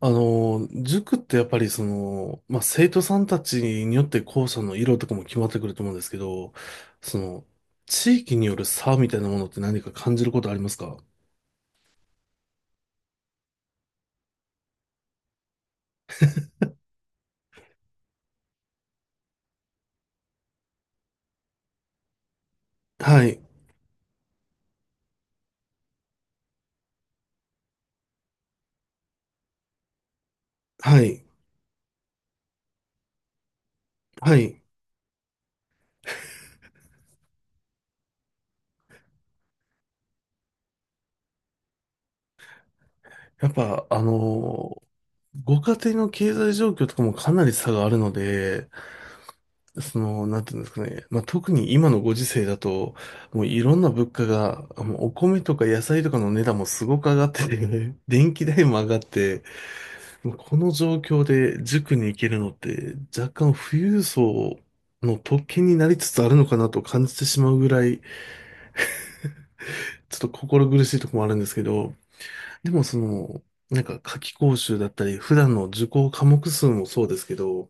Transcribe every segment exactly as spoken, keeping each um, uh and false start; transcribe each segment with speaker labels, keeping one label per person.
Speaker 1: あの、塾ってやっぱりその、まあ、生徒さんたちによって校舎の色とかも決まってくると思うんですけど、その、地域による差みたいなものって何か感じることありますか？はい、はい、はい。やっぱ、あの、ご家庭の経済状況とかもかなり差があるので、その、なんていうんですかね、まあ、特に今のご時世だと、もういろんな物価が、もうお米とか野菜とかの値段もすごく上がってて、電気代も上がって、この状況で塾に行けるのって若干富裕層の特権になりつつあるのかなと感じてしまうぐらいちょっと心苦しいところもあるんですけど、でもその、なんか夏期講習だったり普段の受講科目数もそうですけど、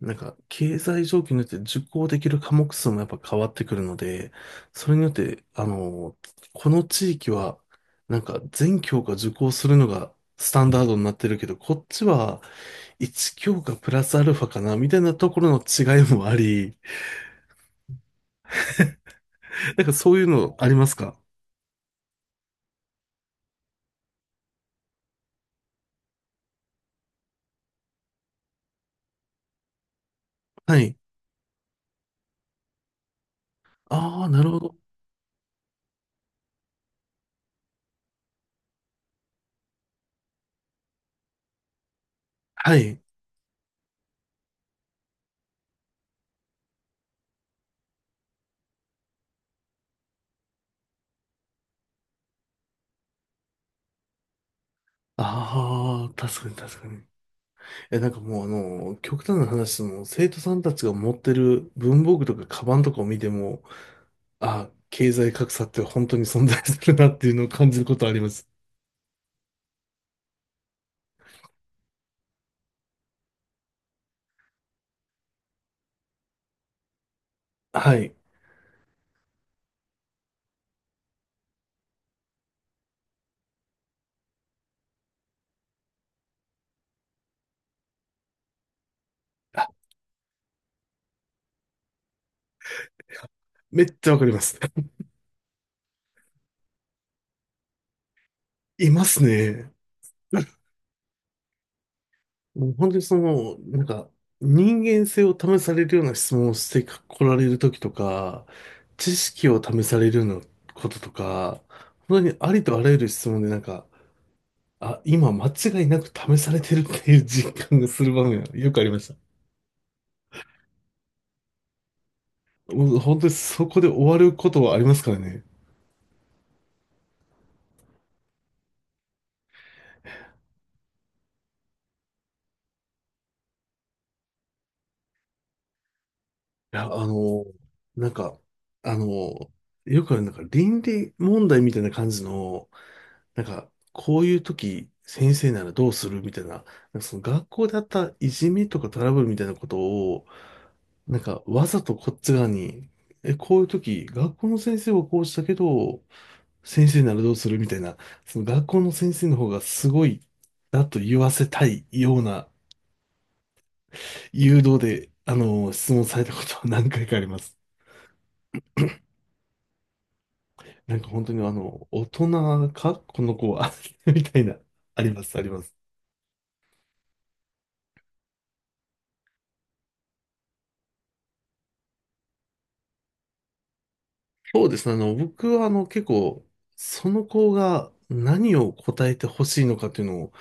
Speaker 1: なんか、経済状況によって受講できる科目数もやっぱ変わってくるので、それによって、あの、この地域は、なんか全教科受講するのがスタンダードになってるけど、こっちはいち教科プラスアルファかな、みたいなところの違いもあり、なんかそういうのありますか？はい。ああ、なるほど。はい。ああ、確かに、確かに。え、なんかもうあの、極端な話、その生徒さんたちが持ってる文房具とかカバンとかを見ても、あ、経済格差って本当に存在するなっていうのを感じることあります。はい。めっちゃわかります。いますね。もう本当にその、なんか、人間性を試されるような質問をしてこられるときとか、知識を試されるようなこととか、本当にありとあらゆる質問でなんか、あ、今間違いなく試されてるっていう実感がする場面がよくありました。もう本当にそこで終わることはありますからね。いや、あの、なんか、あの、よくある、なんか倫理問題みたいな感じの、なんか、こういう時、先生ならどうするみたいな、なんかその学校であったいじめとかトラブルみたいなことを、なんか、わざとこっち側に、え、こういう時、学校の先生はこうしたけど、先生ならどうするみたいな、その学校の先生の方がすごい、だと言わせたいような誘導で、あの、質問されたことは何回かあります。なんか本当にあの、大人かこの子は みたいな、あります、あります。そうですね。あの、僕はあの、結構、その子が何を答えてほしいのかっていうのを、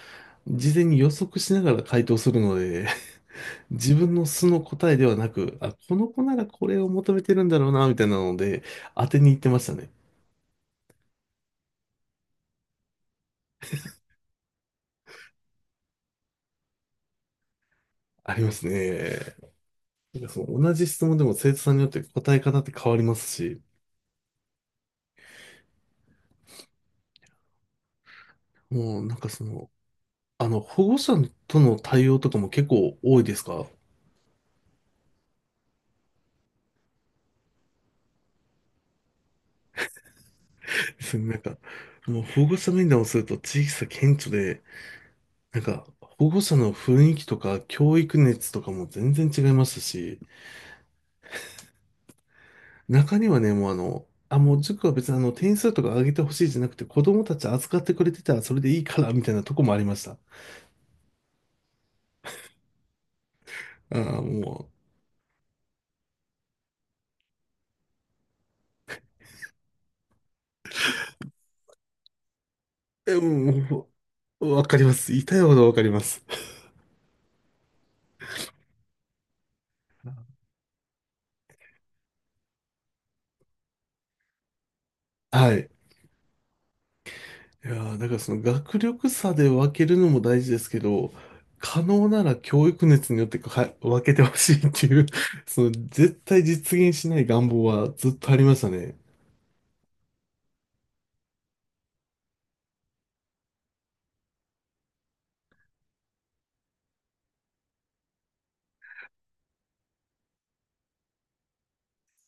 Speaker 1: 事前に予測しながら回答するので、自分の素の答えではなく、あ、この子ならこれを求めてるんだろうな、みたいなので、当てに行ってましたね。ありますね。なんかその同じ質問でも生徒さんによって答え方って変わりますし、もうなんかその、あの、保護者との対応とかも結構多いですか？ そうなんか、もう保護者面談をすると地域差顕著で、なんか、保護者の雰囲気とか教育熱とかも全然違いますし、中にはね、もうあの、あ、もう塾は別にあの点数とか上げてほしいじゃなくて、子供たち扱ってくれてたらそれでいいから、みたいなとこもありました。ああ、もう、え、もう、わかります。痛いほどわかります。はい。いやーだからその学力差で分けるのも大事ですけど、可能なら教育熱によってか分けてほしいっていう その絶対実現しない願望はずっとありましたね。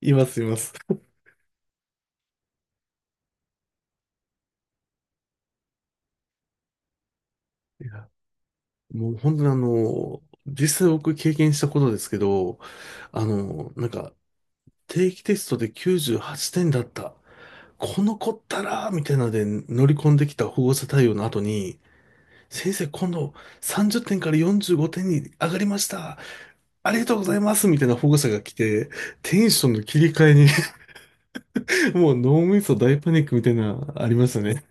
Speaker 1: います、います。いや、もう本当にあの、実際僕経験したことですけど、あの、なんか定期テストできゅうじゅうはってんだった。この子ったらみたいなので乗り込んできた保護者対応の後に、先生今度さんじゅってんからよんじゅうごてんに上がりましたありがとうございますみたいな保護者が来て、テンションの切り替えに もう脳みそ大パニックみたいな、ありましたね。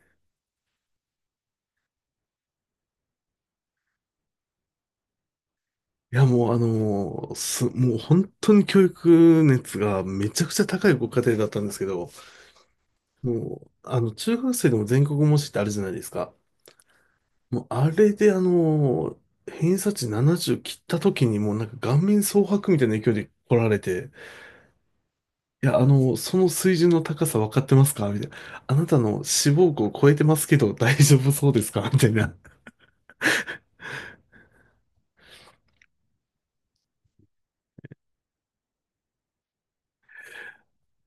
Speaker 1: いや、もうあのす、もう本当に教育熱がめちゃくちゃ高いご家庭だったんですけど、もう、あの、中学生でも全国模試ってあるじゃないですか。もう、あれであの偏差値ななじゅう切った時にもうなんか顔面蒼白みたいな勢いで来られて、いや、あの、その水準の高さ分かってますかみたいな。あなたの志望校を超えてますけど大丈夫そうですかみたいな。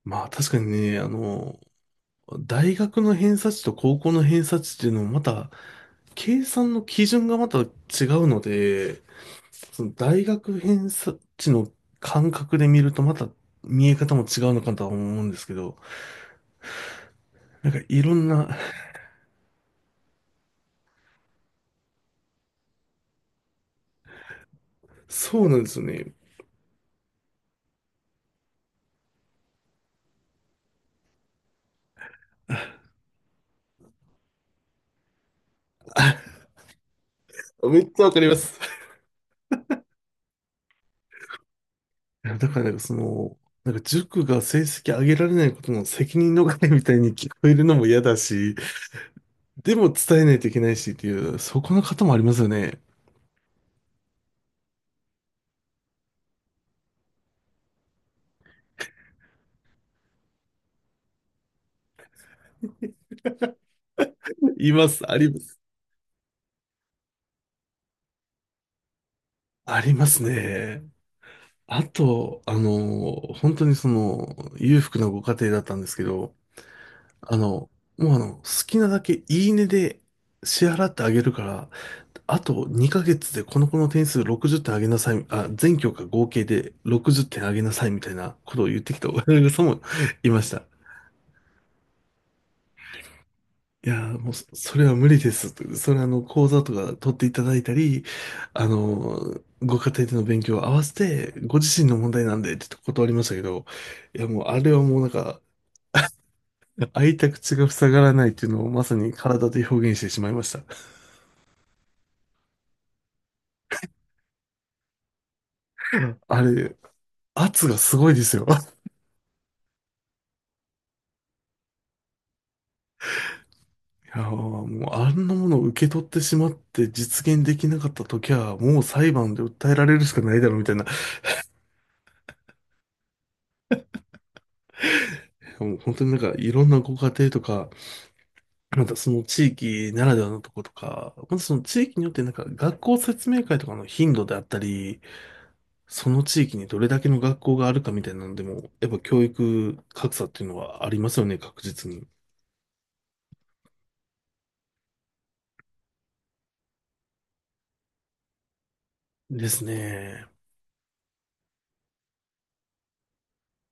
Speaker 1: まあ確かにね、あの、大学の偏差値と高校の偏差値っていうのもまた、計算の基準がまた違うので、その大学偏差値の感覚で見るとまた見え方も違うのかとは思うんですけど、なんかいろんな、そうなんですよね。あ、めっちゃわかります。いやだからなんかその、なんか塾が成績上げられないことの責任逃れみたいに聞こえるのも嫌だし、でも伝えないといけないしっていう、そこの方もありますよね。います、あります。ありますね。あと、あの、本当にその、裕福なご家庭だったんですけど、あの、もうあの、好きなだけいいねで支払ってあげるから、あとにかげつでこの子の点数ろくじゅってん上げなさい、あ、全教科合計でろくじゅってん上げなさいみたいなことを言ってきた親御さんも いました。いやー、もうそ、それは無理ですと。それはあの、講座とか取っていただいたり、あの、ご家庭での勉強を合わせて、ご自身の問題なんで、って断りましたけど、いや、もうあれはもうなんか、開いた口が塞がらないっていうのをまさに体で表現してしまいました。あれ、圧がすごいですよ。いやー、もうあんなものを受け取ってしまって実現できなかった時は、もう裁判で訴えられるしかないだろうみたいな。もう本当になんかいろんなご家庭とか、またその地域ならではのとことか、またその地域によってなんか学校説明会とかの頻度であったり、その地域にどれだけの学校があるかみたいなのでも、やっぱ教育格差っていうのはありますよね、確実に。ですね。